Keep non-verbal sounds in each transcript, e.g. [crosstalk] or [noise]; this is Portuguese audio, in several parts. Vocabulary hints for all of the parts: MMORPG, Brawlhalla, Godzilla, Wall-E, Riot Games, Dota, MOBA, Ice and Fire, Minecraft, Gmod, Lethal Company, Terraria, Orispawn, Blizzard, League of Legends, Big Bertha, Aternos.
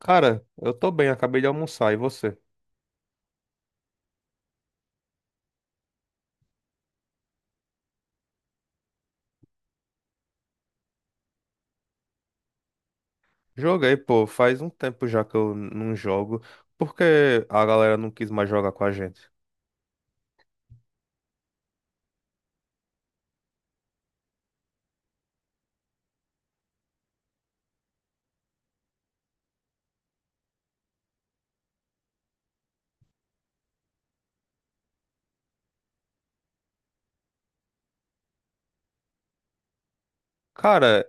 Cara, eu tô bem, acabei de almoçar, e você? Joguei, pô, faz um tempo já que eu não jogo, porque a galera não quis mais jogar com a gente. Cara,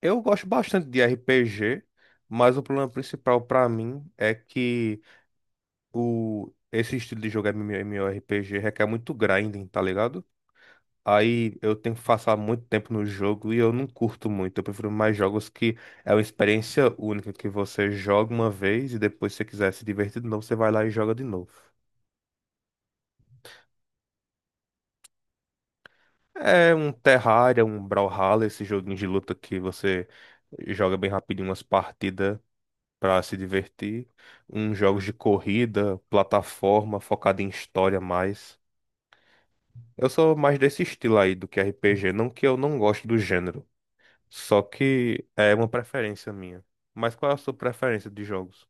eu gosto bastante de RPG, mas o problema principal pra mim é que o esse estilo de jogo MMORPG requer muito grinding, tá ligado? Aí eu tenho que passar muito tempo no jogo e eu não curto muito. Eu prefiro mais jogos que é uma experiência única que você joga uma vez e depois, se você quiser se divertir de novo, você vai lá e joga de novo. É um Terraria, um Brawlhalla, esse joguinho de luta que você joga bem rapidinho umas partidas pra se divertir. Uns jogos de corrida, plataforma, focado em história mais. Eu sou mais desse estilo aí do que RPG, não que eu não goste do gênero, só que é uma preferência minha. Mas qual é a sua preferência de jogos?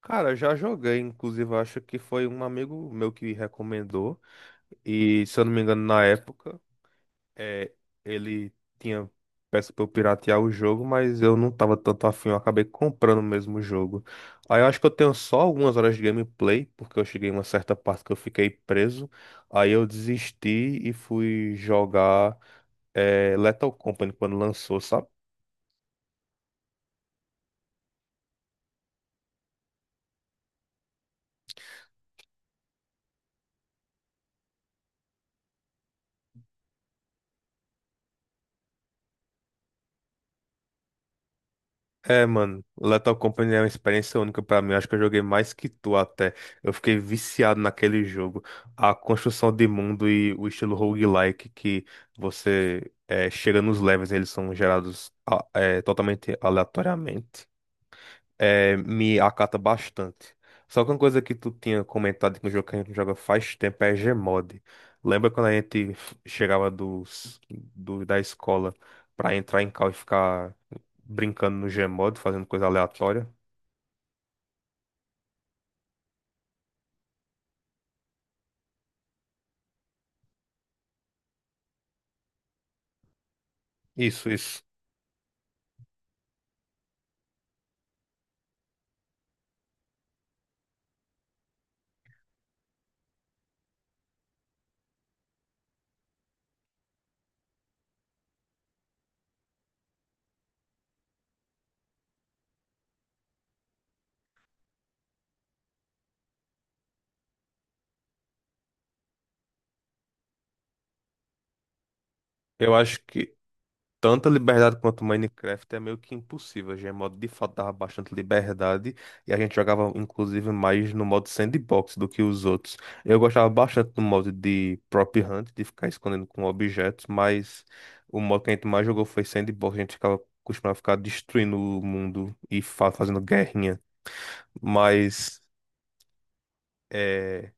Cara, eu já joguei, inclusive acho que foi um amigo meu que recomendou, e se eu não me engano, na época. É, ele tinha peça pra eu piratear o jogo, mas eu não tava tanto afim, eu acabei comprando mesmo o jogo. Aí eu acho que eu tenho só algumas horas de gameplay, porque eu cheguei em uma certa parte que eu fiquei preso. Aí eu desisti e fui jogar Lethal Company quando lançou, sabe? É, mano, Lethal Company é uma experiência única pra mim. Acho que eu joguei mais que tu até. Eu fiquei viciado naquele jogo. A construção de mundo e o estilo roguelike que você chega nos levels, eles são gerados totalmente aleatoriamente. É, me acata bastante. Só que uma coisa que tu tinha comentado que no jogo que a gente joga faz tempo é Gmod. Lembra quando a gente chegava da escola pra entrar em cal e ficar brincando no Gmod, fazendo coisa aleatória. Isso, isso. Eu acho que tanta liberdade quanto o Minecraft é meio que impossível. O Gmod de fato dava bastante liberdade e a gente jogava inclusive mais no modo sandbox do que os outros. Eu gostava bastante do modo de prop hunt, de ficar escondendo com objetos, mas o modo que a gente mais jogou foi sandbox, a gente ficava costumava ficar destruindo o mundo e fazendo guerrinha, mas é,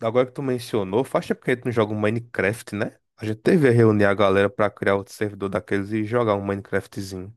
agora que tu mencionou, faz tempo que a gente não joga um Minecraft, né? A gente teve a reunir a galera pra criar outro servidor daqueles e jogar um Minecraftzinho.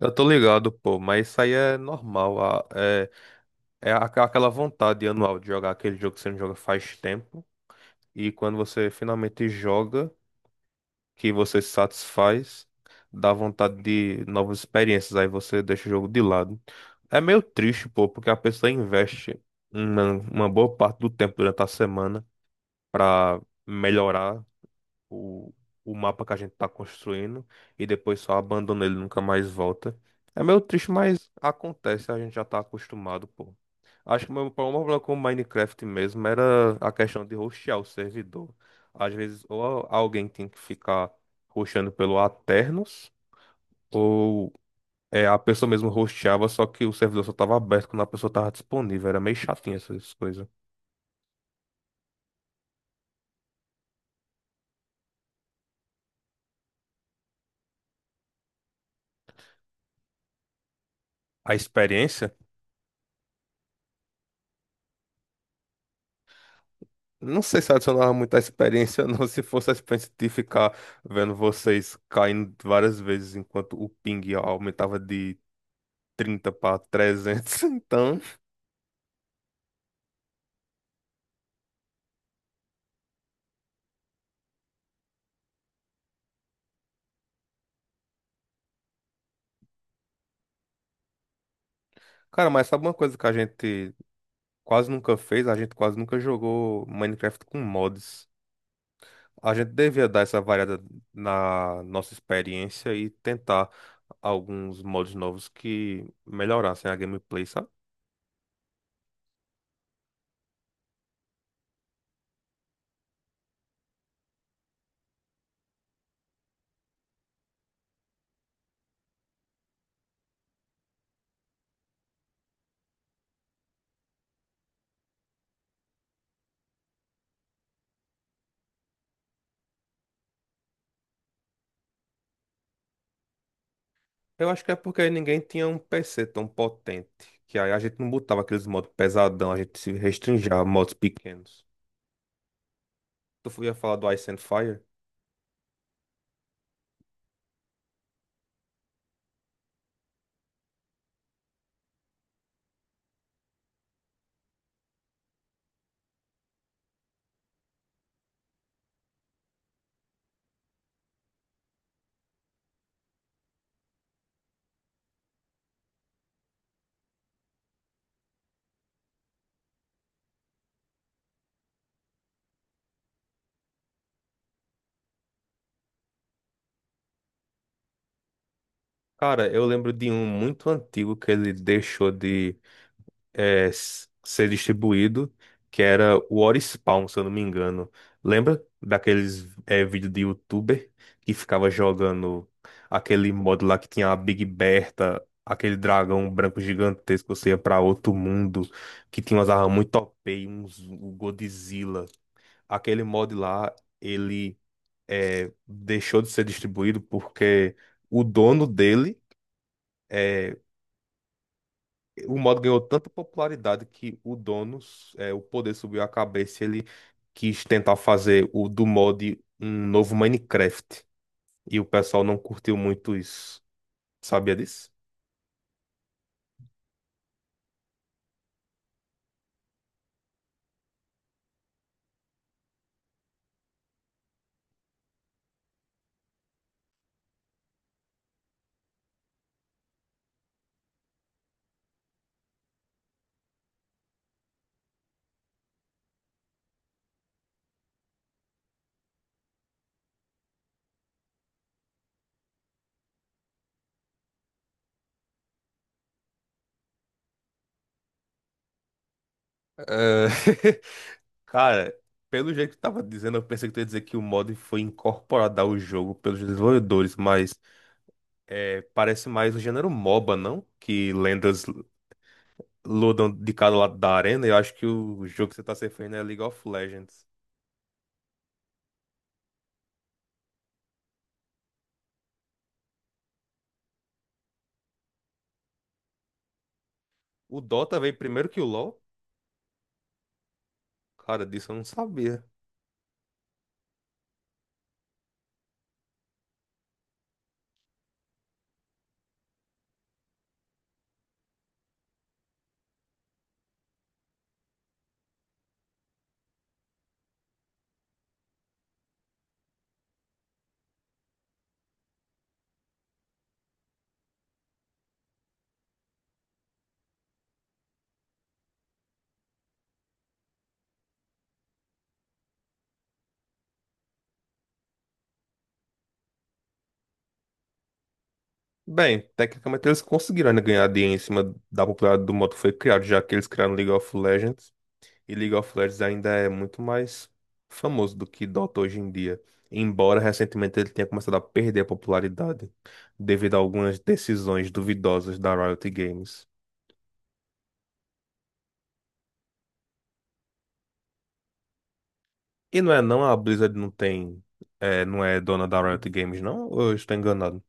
Eu tô ligado, pô, mas isso aí é normal. É aquela vontade anual de jogar aquele jogo que você não joga faz tempo. E quando você finalmente joga, que você se satisfaz, dá vontade de novas experiências. Aí você deixa o jogo de lado. É meio triste, pô, porque a pessoa investe uma boa parte do tempo durante a semana pra melhorar o, o mapa que a gente tá construindo e depois só abandona ele, nunca mais volta. É meio triste, mas acontece, a gente já tá acostumado, pô. Acho que o meu problema com o Minecraft mesmo era a questão de hostear o servidor. Às vezes, ou alguém tem que ficar hosteando pelo Aternos, ou a pessoa mesmo hosteava, só que o servidor só tava aberto quando a pessoa tava disponível. Era meio chatinho essas coisas. A experiência. Não sei se adicionava muita experiência, [laughs] não. Se fosse a experiência de ficar vendo vocês caindo várias vezes enquanto o ping aumentava de 30 para 300. [laughs] Então, cara, mas sabe uma coisa que a gente quase nunca fez? A gente quase nunca jogou Minecraft com mods. A gente devia dar essa variada na nossa experiência e tentar alguns modos novos que melhorassem a gameplay, sabe? Eu acho que é porque ninguém tinha um PC tão potente, que aí a gente não botava aqueles modos pesadão, a gente se restringia a modos pequenos. Tu ia falar do Ice and Fire? Cara, eu lembro de um muito antigo que ele deixou de ser distribuído, que era o Orispawn, se eu não me engano. Lembra daqueles vídeos de youtuber que ficava jogando aquele modo lá que tinha a Big Bertha, aquele dragão branco gigantesco, você ia pra outro mundo, que tinha umas armas muito OP, e uns o Godzilla. Aquele mod lá, ele deixou de ser distribuído porque o dono dele. é, o modo ganhou tanta popularidade que o dono, o poder subiu a cabeça, e ele quis tentar fazer o do mod um novo Minecraft. E o pessoal não curtiu muito isso. Sabia disso? É, [laughs] Cara, pelo jeito que tu tava dizendo, eu pensei que tu ia dizer que o mod foi incorporado ao jogo pelos desenvolvedores, mas parece mais o gênero MOBA, não? Que lendas lutam de cada lado da arena. Eu acho que o jogo que você tá se referindo é League of Legends. O Dota veio primeiro que o LoL? Cara, disso eu não sabia. Bem, tecnicamente eles conseguiram ainda ganhar dinheiro em cima da popularidade do modo que foi criado, já que eles criaram League of Legends. E League of Legends ainda é muito mais famoso do que Dota hoje em dia. Embora recentemente ele tenha começado a perder a popularidade devido a algumas decisões duvidosas da Riot Games. E não é não, a Blizzard não tem, não é dona da Riot Games, não? Ou eu estou enganado?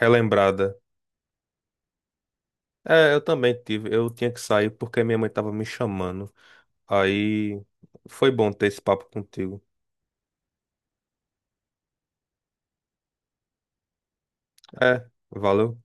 Relembrada. É, eu também tive. Eu tinha que sair porque minha mãe estava me chamando. Aí foi bom ter esse papo contigo. É, valeu.